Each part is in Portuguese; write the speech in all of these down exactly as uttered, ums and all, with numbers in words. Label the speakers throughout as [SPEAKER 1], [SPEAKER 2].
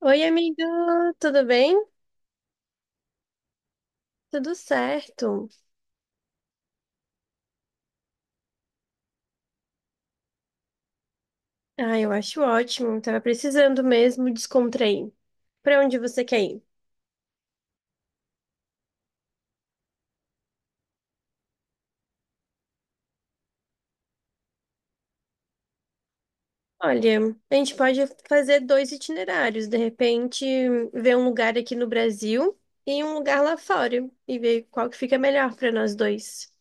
[SPEAKER 1] Oi, amiga, tudo bem? Tudo certo. Ah, eu acho ótimo. Tava precisando mesmo descontrair. Pra onde você quer ir? Olha, a gente pode fazer dois itinerários, de repente, ver um lugar aqui no Brasil e um lugar lá fora e ver qual que fica melhor pra nós dois.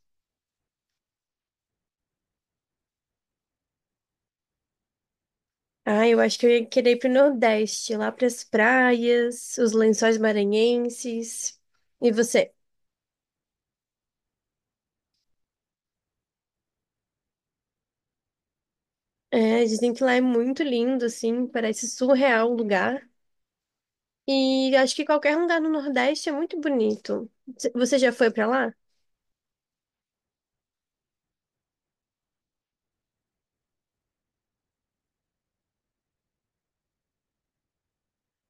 [SPEAKER 1] Ah, eu acho que eu ia querer ir pro Nordeste, lá pras praias, os Lençóis Maranhenses. E você? É, dizem que lá é muito lindo, assim, parece surreal o lugar. E acho que qualquer lugar no Nordeste é muito bonito. C- Você já foi pra lá?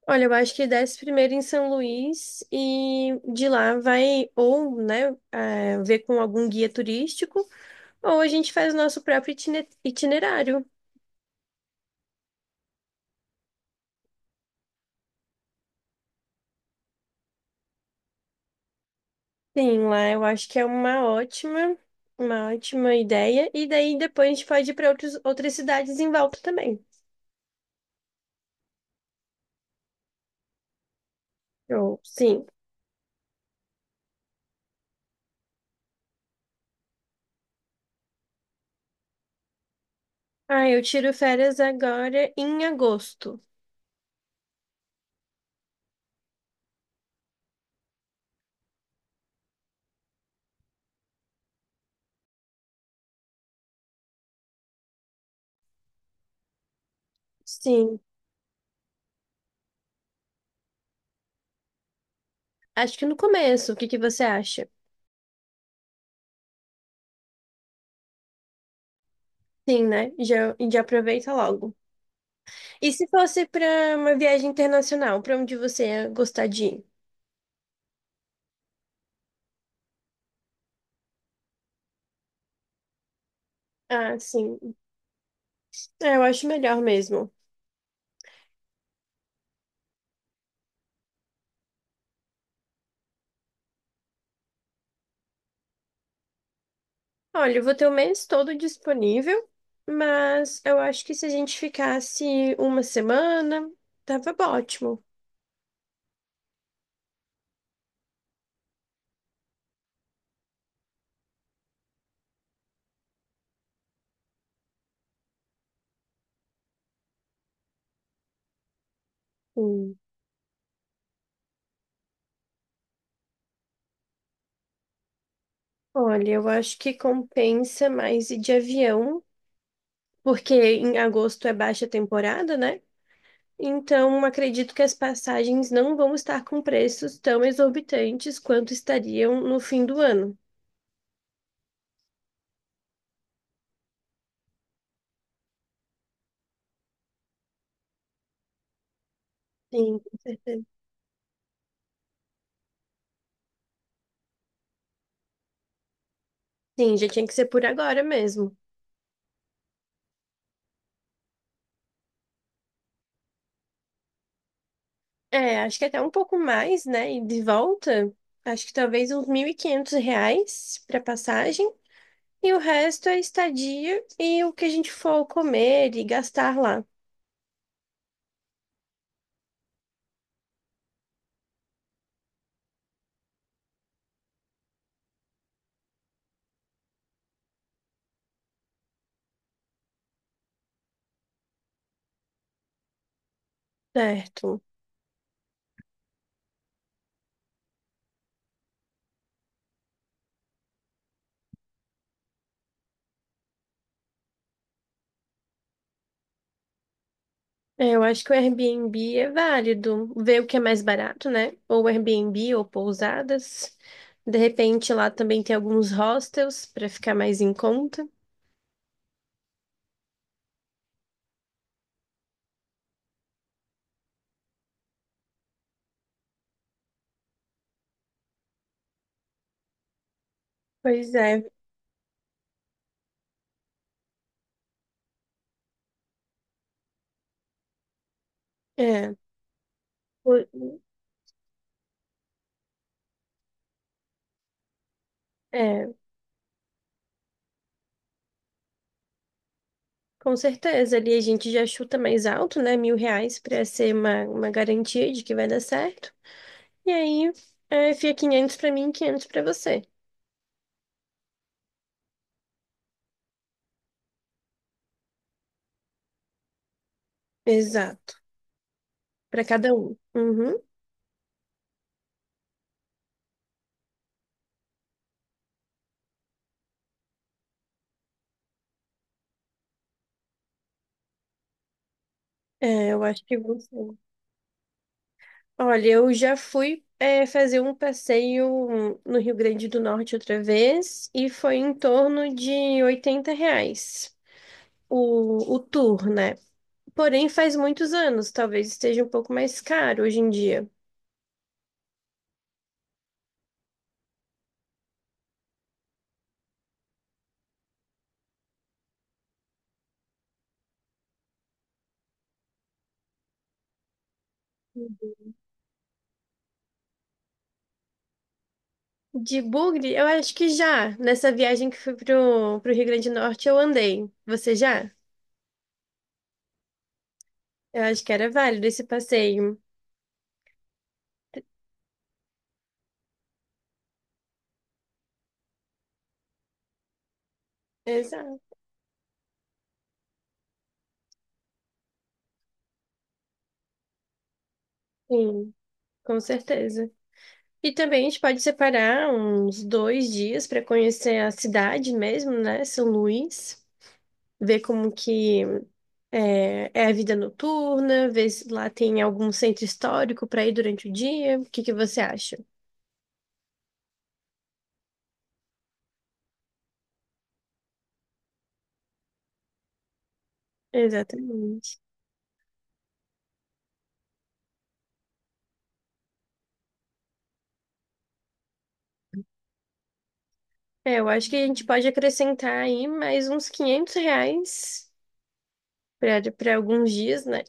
[SPEAKER 1] Olha, eu acho que desce primeiro em São Luís e de lá vai ou, né, eh, ver com algum guia turístico ou a gente faz o nosso próprio itine- itinerário. Sim, lá eu acho que é uma ótima, uma ótima ideia. E daí depois a gente pode ir para outros, outras cidades em volta também. Eu, sim. Ah, eu tiro férias agora em agosto. Sim. Acho que no começo. O que que você acha? Sim, né? Já, já aproveita logo. E se fosse para uma viagem internacional, para onde você ia gostar de ir? Ah, sim. É, eu acho melhor mesmo. Olha, eu vou ter o mês todo disponível, mas eu acho que se a gente ficasse uma semana, tava ótimo. Hum. Olha, eu acho que compensa mais ir de avião, porque em agosto é baixa temporada, né? Então, acredito que as passagens não vão estar com preços tão exorbitantes quanto estariam no fim do ano. Sim, com certeza. Sim, já tinha que ser por agora mesmo. É, acho que até um pouco mais, né? E de volta, acho que talvez uns mil e quinhentos reais para passagem. E o resto é estadia e o que a gente for comer e gastar lá. Certo. É, eu acho que o Airbnb é válido. Ver o que é mais barato, né? Ou Airbnb ou pousadas. De repente lá também tem alguns hostels para ficar mais em conta. Pois é, é, o- é, com certeza. Ali a gente já chuta mais alto, né? Mil reais para ser uma, uma garantia de que vai dar certo. E aí é, fica quinhentos para mim e quinhentos para você. Exato. Para cada um. Uhum. É, eu acho que você. Olha, eu já fui eh, fazer um passeio no Rio Grande do Norte outra vez e foi em torno de oitenta reais o, o tour, né? Porém, faz muitos anos, talvez esteja um pouco mais caro hoje em dia. De Bugre, eu acho que já. Nessa viagem que fui pro, pro Rio Grande do Norte, eu andei. Você já? Eu acho que era válido esse passeio. Exato. Sim, com certeza. E também a gente pode separar uns dois dias para conhecer a cidade mesmo, né? São Luís, ver como que é, é a vida noturna, ver se lá tem algum centro histórico para ir durante o dia. O que que você acha? Exatamente. É, eu acho que a gente pode acrescentar aí mais uns quinhentos reais para para alguns dias, né?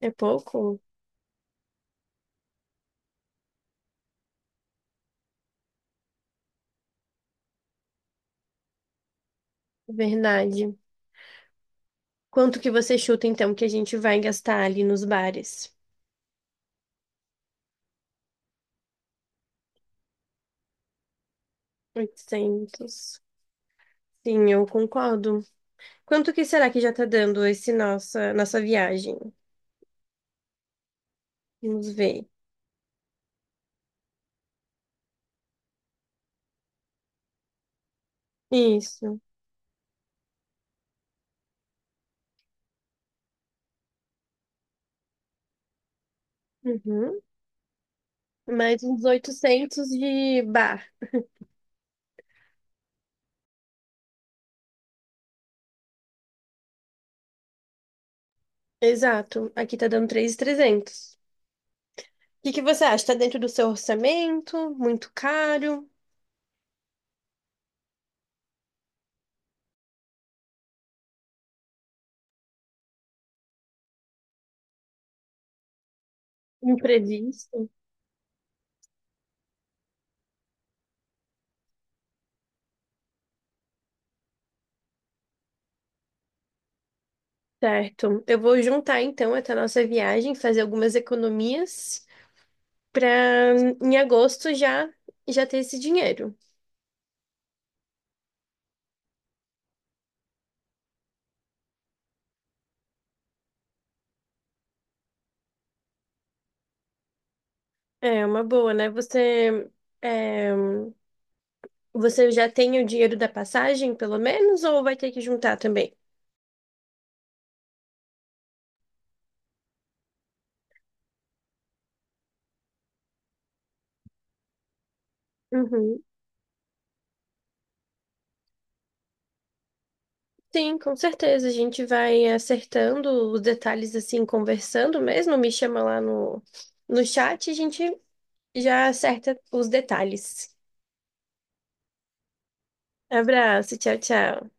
[SPEAKER 1] É pouco, verdade. Quanto que você chuta então que a gente vai gastar ali nos bares? Oitocentos. Sim, eu concordo. Quanto que será que já tá dando esse nossa nossa viagem? Vamos ver. Isso. Uhum. Mais uns oitocentos de bar. Exato. Aqui tá dando três mil e trezentos. O que que você acha? Tá dentro do seu orçamento? Muito caro? Imprevisto? Certo. Eu vou juntar então essa nossa viagem, fazer algumas economias para em agosto já já ter esse dinheiro. É uma boa, né? Você é, você já tem o dinheiro da passagem, pelo menos, ou vai ter que juntar também? Uhum. Sim, com certeza. A gente vai acertando os detalhes assim, conversando mesmo. Me chama lá no, no chat e a gente já acerta os detalhes. Abraço, tchau, tchau.